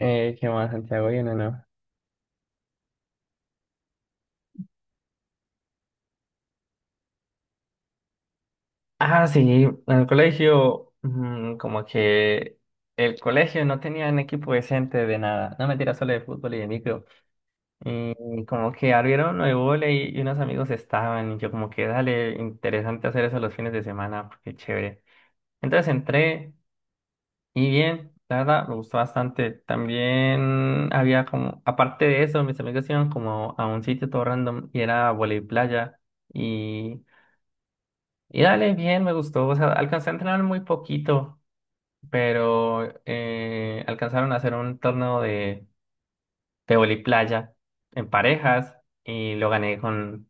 ¿Qué más, Santiago? Bien o no. Ah, sí, en el colegio, mm, como que el colegio no tenía un equipo decente de nada. No mentira, solo de fútbol y de micro. Y como que abrieron de volei y unos amigos estaban. Y yo, como que dale, interesante hacer eso los fines de semana, porque chévere. Entonces entré y bien, la verdad, me gustó bastante. También había como, aparte de eso, mis amigos iban como a un sitio todo random y era volei playa. Y dale, bien, me gustó. O sea, alcancé a entrenar muy poquito, pero alcanzaron a hacer un torneo de voliplaya en parejas y lo gané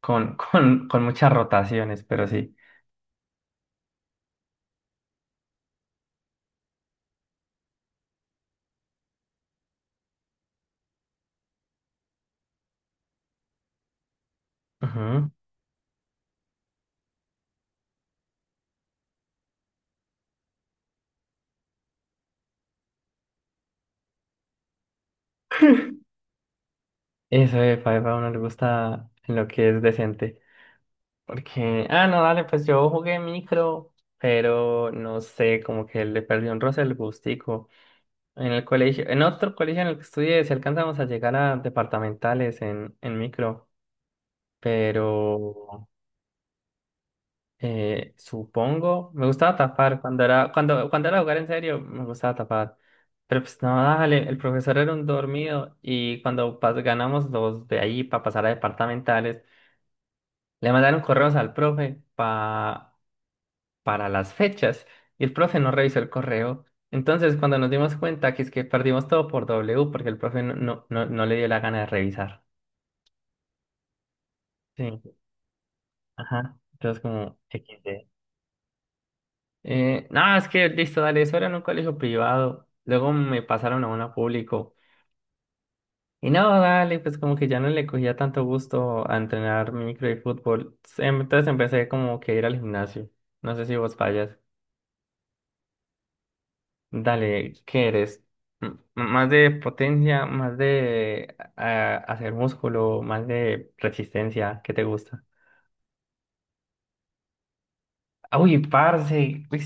con, con muchas rotaciones, pero sí. Ujú. Eso de Five a uno le gusta en lo que es decente. Porque, ah, no, dale, pues yo jugué micro, pero no sé, como que le perdí un roce el gustico. En el colegio, en otro colegio en el que estudié, si alcanzamos a llegar a departamentales en micro, pero supongo, me gustaba tapar cuando era, cuando, cuando era jugar en serio, me gustaba tapar. Pero pues no, dale, el profesor era un dormido y cuando ganamos los de ahí para pasar a departamentales, le mandaron correos al profe para las fechas y el profe no revisó el correo. Entonces, cuando nos dimos cuenta que es que perdimos todo por W porque el profe no, no, no, no le dio la gana de revisar. Sí, ajá. Entonces, como XD. No, es que listo, dale, eso era en un colegio privado. Luego me pasaron a uno público. Y no, dale, pues como que ya no le cogía tanto gusto a entrenar micro y fútbol. Entonces empecé como que a ir al gimnasio. No sé si vos fallas. Dale, ¿qué eres? ¿Más de potencia, más de hacer músculo, más de resistencia? ¿Qué te gusta? Ah, uy, parce, uy,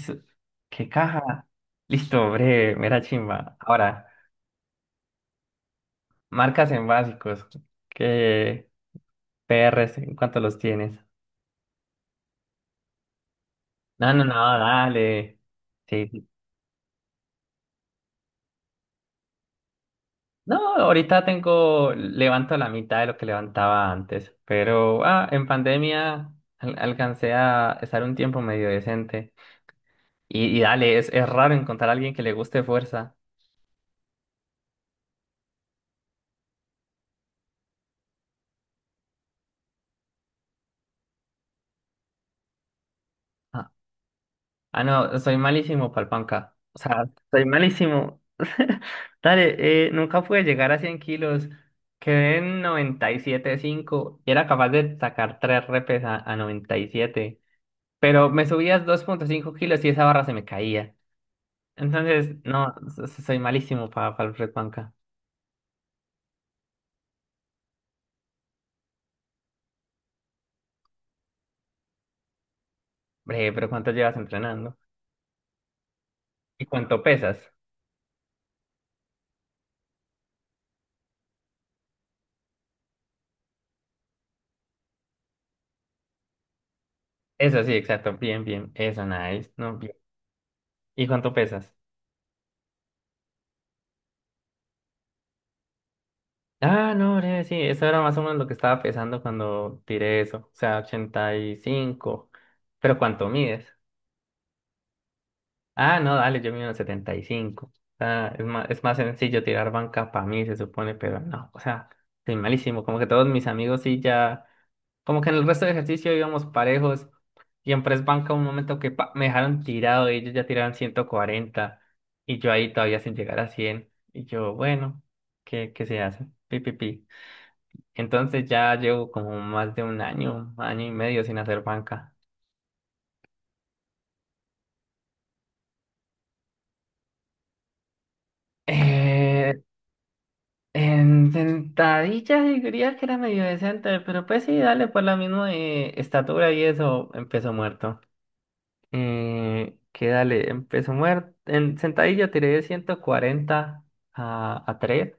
qué caja. Listo, breve, mera chimba. Ahora, marcas en básicos. ¿Qué PRs? ¿En cuánto los tienes? No, no, no, dale. Sí, no, ahorita tengo, levanto la mitad de lo que levantaba antes, pero en pandemia alcancé a estar un tiempo medio decente. Y dale, es raro encontrar a alguien que le guste fuerza. Ah, no, soy malísimo pa'l panca. O sea, soy malísimo. Dale, nunca pude llegar a 100 kg. Quedé en 97,5 kg y era capaz de sacar tres repes a 97 kg. Pero me subías 2,5 kg y esa barra se me caía. Entonces, no, soy malísimo para el press banca. Bre, pero ¿cuánto llevas entrenando? ¿Y cuánto pesas? Eso sí, exacto. Bien, bien. Eso, nice. No, bien. ¿Y cuánto pesas? Ah, no, bre, sí, eso era más o menos lo que estaba pesando cuando tiré eso. O sea, 85 kg. ¿Pero cuánto mides? Ah, no, dale, yo mido 75. O sea, es más sencillo tirar banca para mí, se supone, pero no. O sea, soy malísimo. Como que todos mis amigos sí ya. Como que en el resto de ejercicio íbamos parejos y en press banca un momento que pa, me dejaron tirado y ellos ya tiraron 140 y yo ahí todavía sin llegar a 100 y yo, bueno, ¿qué, qué se hace? Pi, pi, pi. Entonces ya llevo como más de un año, año y medio sin hacer banca. Eh, en sentadillas diría que era medio decente, pero pues sí, dale, por la misma estatura y eso empezó muerto. Que dale, empezó muerto. En sentadilla tiré de 40 kg a tres.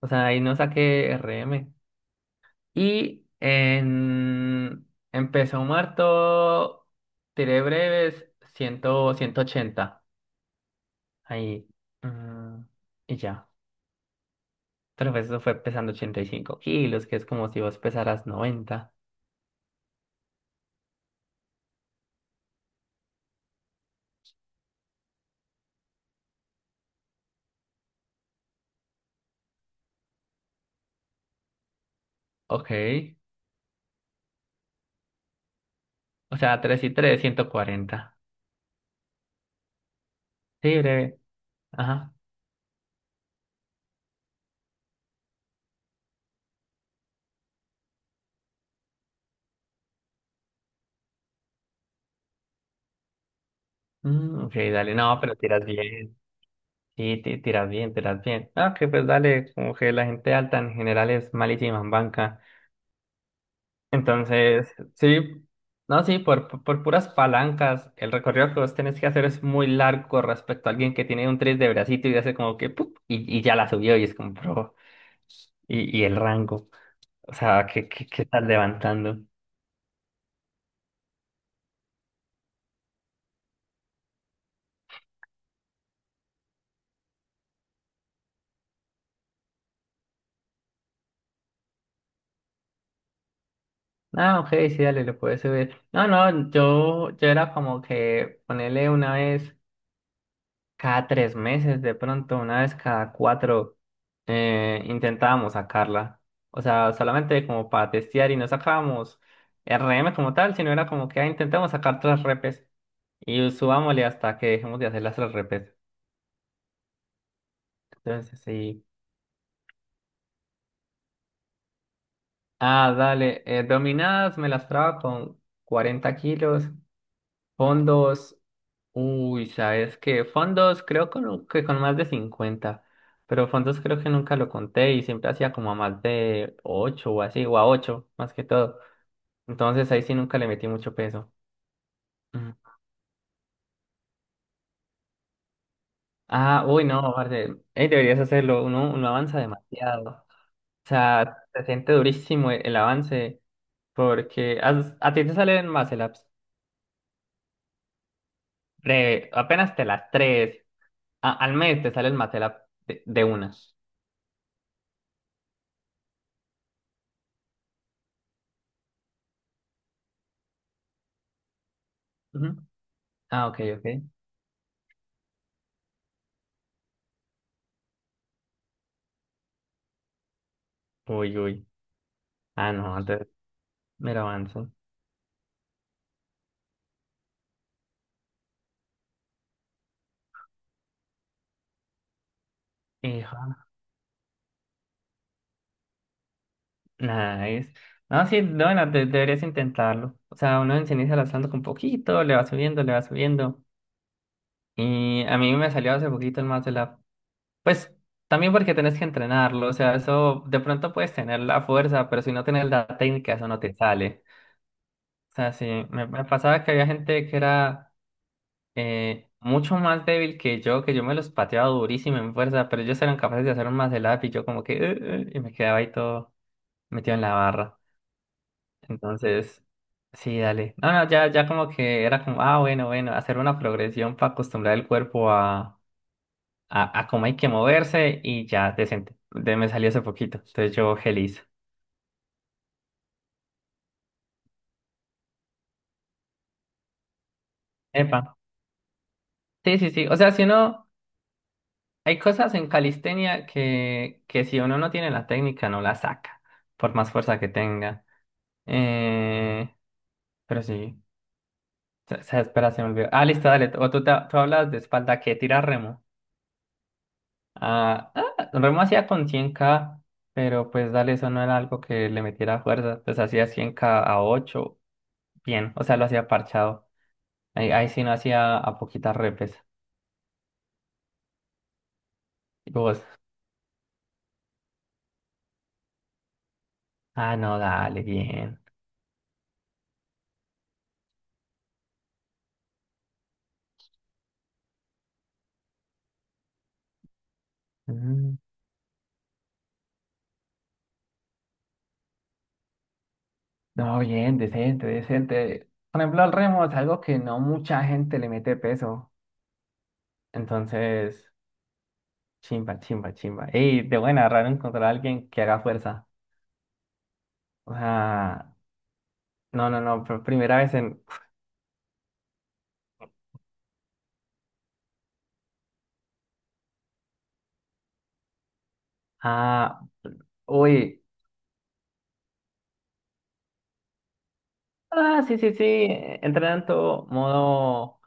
O sea, ahí no saqué RM. Y en, empezó muerto, tiré breves 100 kg, 180 kg. Ahí, mm, y ya. Pero pues eso fue pesando 85 kg, que es como si vos pesaras 90 kg. Ok. O sea, 3 y tres, 140 kg. Sí, breve. Ajá. Mm, ok, dale. No, pero tiras bien. Sí, tiras bien, tiras bien. Ah, que pues dale, como que la gente alta en general es malísima en banca. Entonces, sí, no, sí, por, por puras palancas, el recorrido que vos tenés que hacer es muy largo respecto a alguien que tiene un 3 de bracito y hace como que, ¡pup! Y ya la subió y es como, bro, y el rango. O sea, ¿qué, qué, qué estás levantando? Ah, ok, sí, dale, lo puedes subir. No, no, yo era como que ponerle una vez, cada tres meses, de pronto, una vez cada cuatro, intentábamos sacarla. O sea, solamente como para testear y no sacábamos RM como tal, sino era como que ah, intentamos sacar tres repes y subámosle hasta que dejemos de hacer las tres repes. Entonces, sí. Ah, dale. Dominadas me las traba con 40 kg. Fondos. Uy, ¿sabes qué? Fondos creo que con más de 50 kg, pero fondos creo que nunca lo conté y siempre hacía como a más de 8 o así, o a 8 más que todo. Entonces ahí sí nunca le metí mucho peso. Mm. No, parce, ey, deberías hacerlo, uno, uno avanza demasiado. O sea, se siente durísimo el avance porque a, ti te salen Matlabs, breve, apenas te las tres, al mes te sale el Matlab de unas. Ujú. Ah, ok, ok. Uy, uy. Ah, no, entonces me lo avanzo. Hija, nada, es. No, sí, no, bueno, deberías intentarlo. O sea, uno se inicia lanzando con poquito, le va subiendo, le va subiendo. Y a mí me salió hace poquito el más de la. Pues también porque tenés que entrenarlo. O sea, eso de pronto puedes tener la fuerza, pero si no tienes la técnica, eso no te sale. O sea, sí, me pasaba que había gente que era mucho más débil que yo me los pateaba durísimo en fuerza, pero ellos eran capaces de hacer un más de lap y yo como que y me quedaba ahí todo metido en la barra. Entonces, sí, dale. No, no, ya, ya como que era como, ah, bueno, bueno, hacer una progresión para acostumbrar el cuerpo a cómo hay que moverse y ya, decente. De, me salió hace poquito, entonces yo feliz. Epa. Sí, sí, sí. O sea, si uno, hay cosas en calistenia que si uno no tiene la técnica, no la saca, por más fuerza que tenga. Eh, pero sí, espera, se me olvidó. Ah, listo, dale. O tú, tú hablas de espalda, que tira remo. Remo hacía con 100 kg, pero pues dale, eso no era algo que le metiera fuerza. Pues hacía 100 kg a 8 bien, o sea, lo hacía parchado. Ahí, ahí sí no hacía a poquitas repes. Y vos, ah, no, dale, bien. Mm, no, bien, decente, decente. Por ejemplo, al Remo es algo que no mucha gente le mete peso. Entonces, chimba, chimba, chimba. Ey, de buena, raro encontrar a alguien que haga fuerza. O sea, no, no, no, primera vez en, ah, uy. Ah, sí, sí, sí. Entrenan todo modo,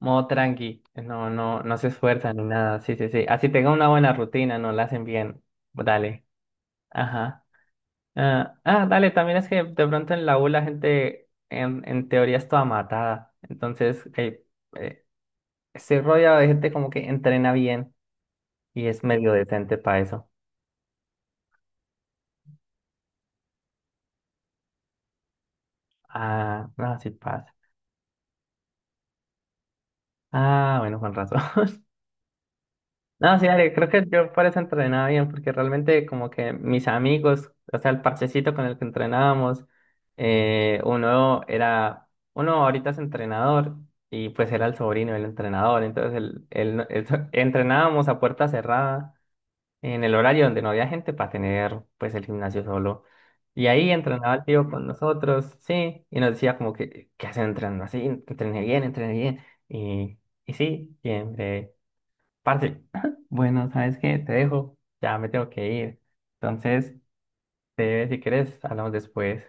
modo tranqui. No, no, no se esfuerzan ni nada. Sí, sí, sí. Así tenga una buena rutina, no la hacen bien. Dale. Ajá. Dale, también es que de pronto en la U la gente en teoría es toda matada. Entonces, eh, estoy rodeado de gente como que entrena bien y es medio decente para eso. Ah, no, sí pasa. Ah, bueno, con razón. No, sí, dale, creo que yo por eso entrenaba bien, porque realmente como que mis amigos, o sea, el parchecito con el que entrenábamos, uno era, uno ahorita es entrenador y pues era el sobrino del entrenador, entonces el, entrenábamos a puerta cerrada en el horario donde no había gente para tener pues el gimnasio solo. Y ahí entrenaba el tío con nosotros, sí, y nos decía como que, ¿qué hacen entrenando así? Entrené bien, entrené bien. Y, y sí, siempre. Parce, bueno, ¿sabes qué? Te dejo, ya me tengo que ir. Entonces, te, si quieres, hablamos después.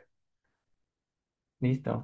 Listo.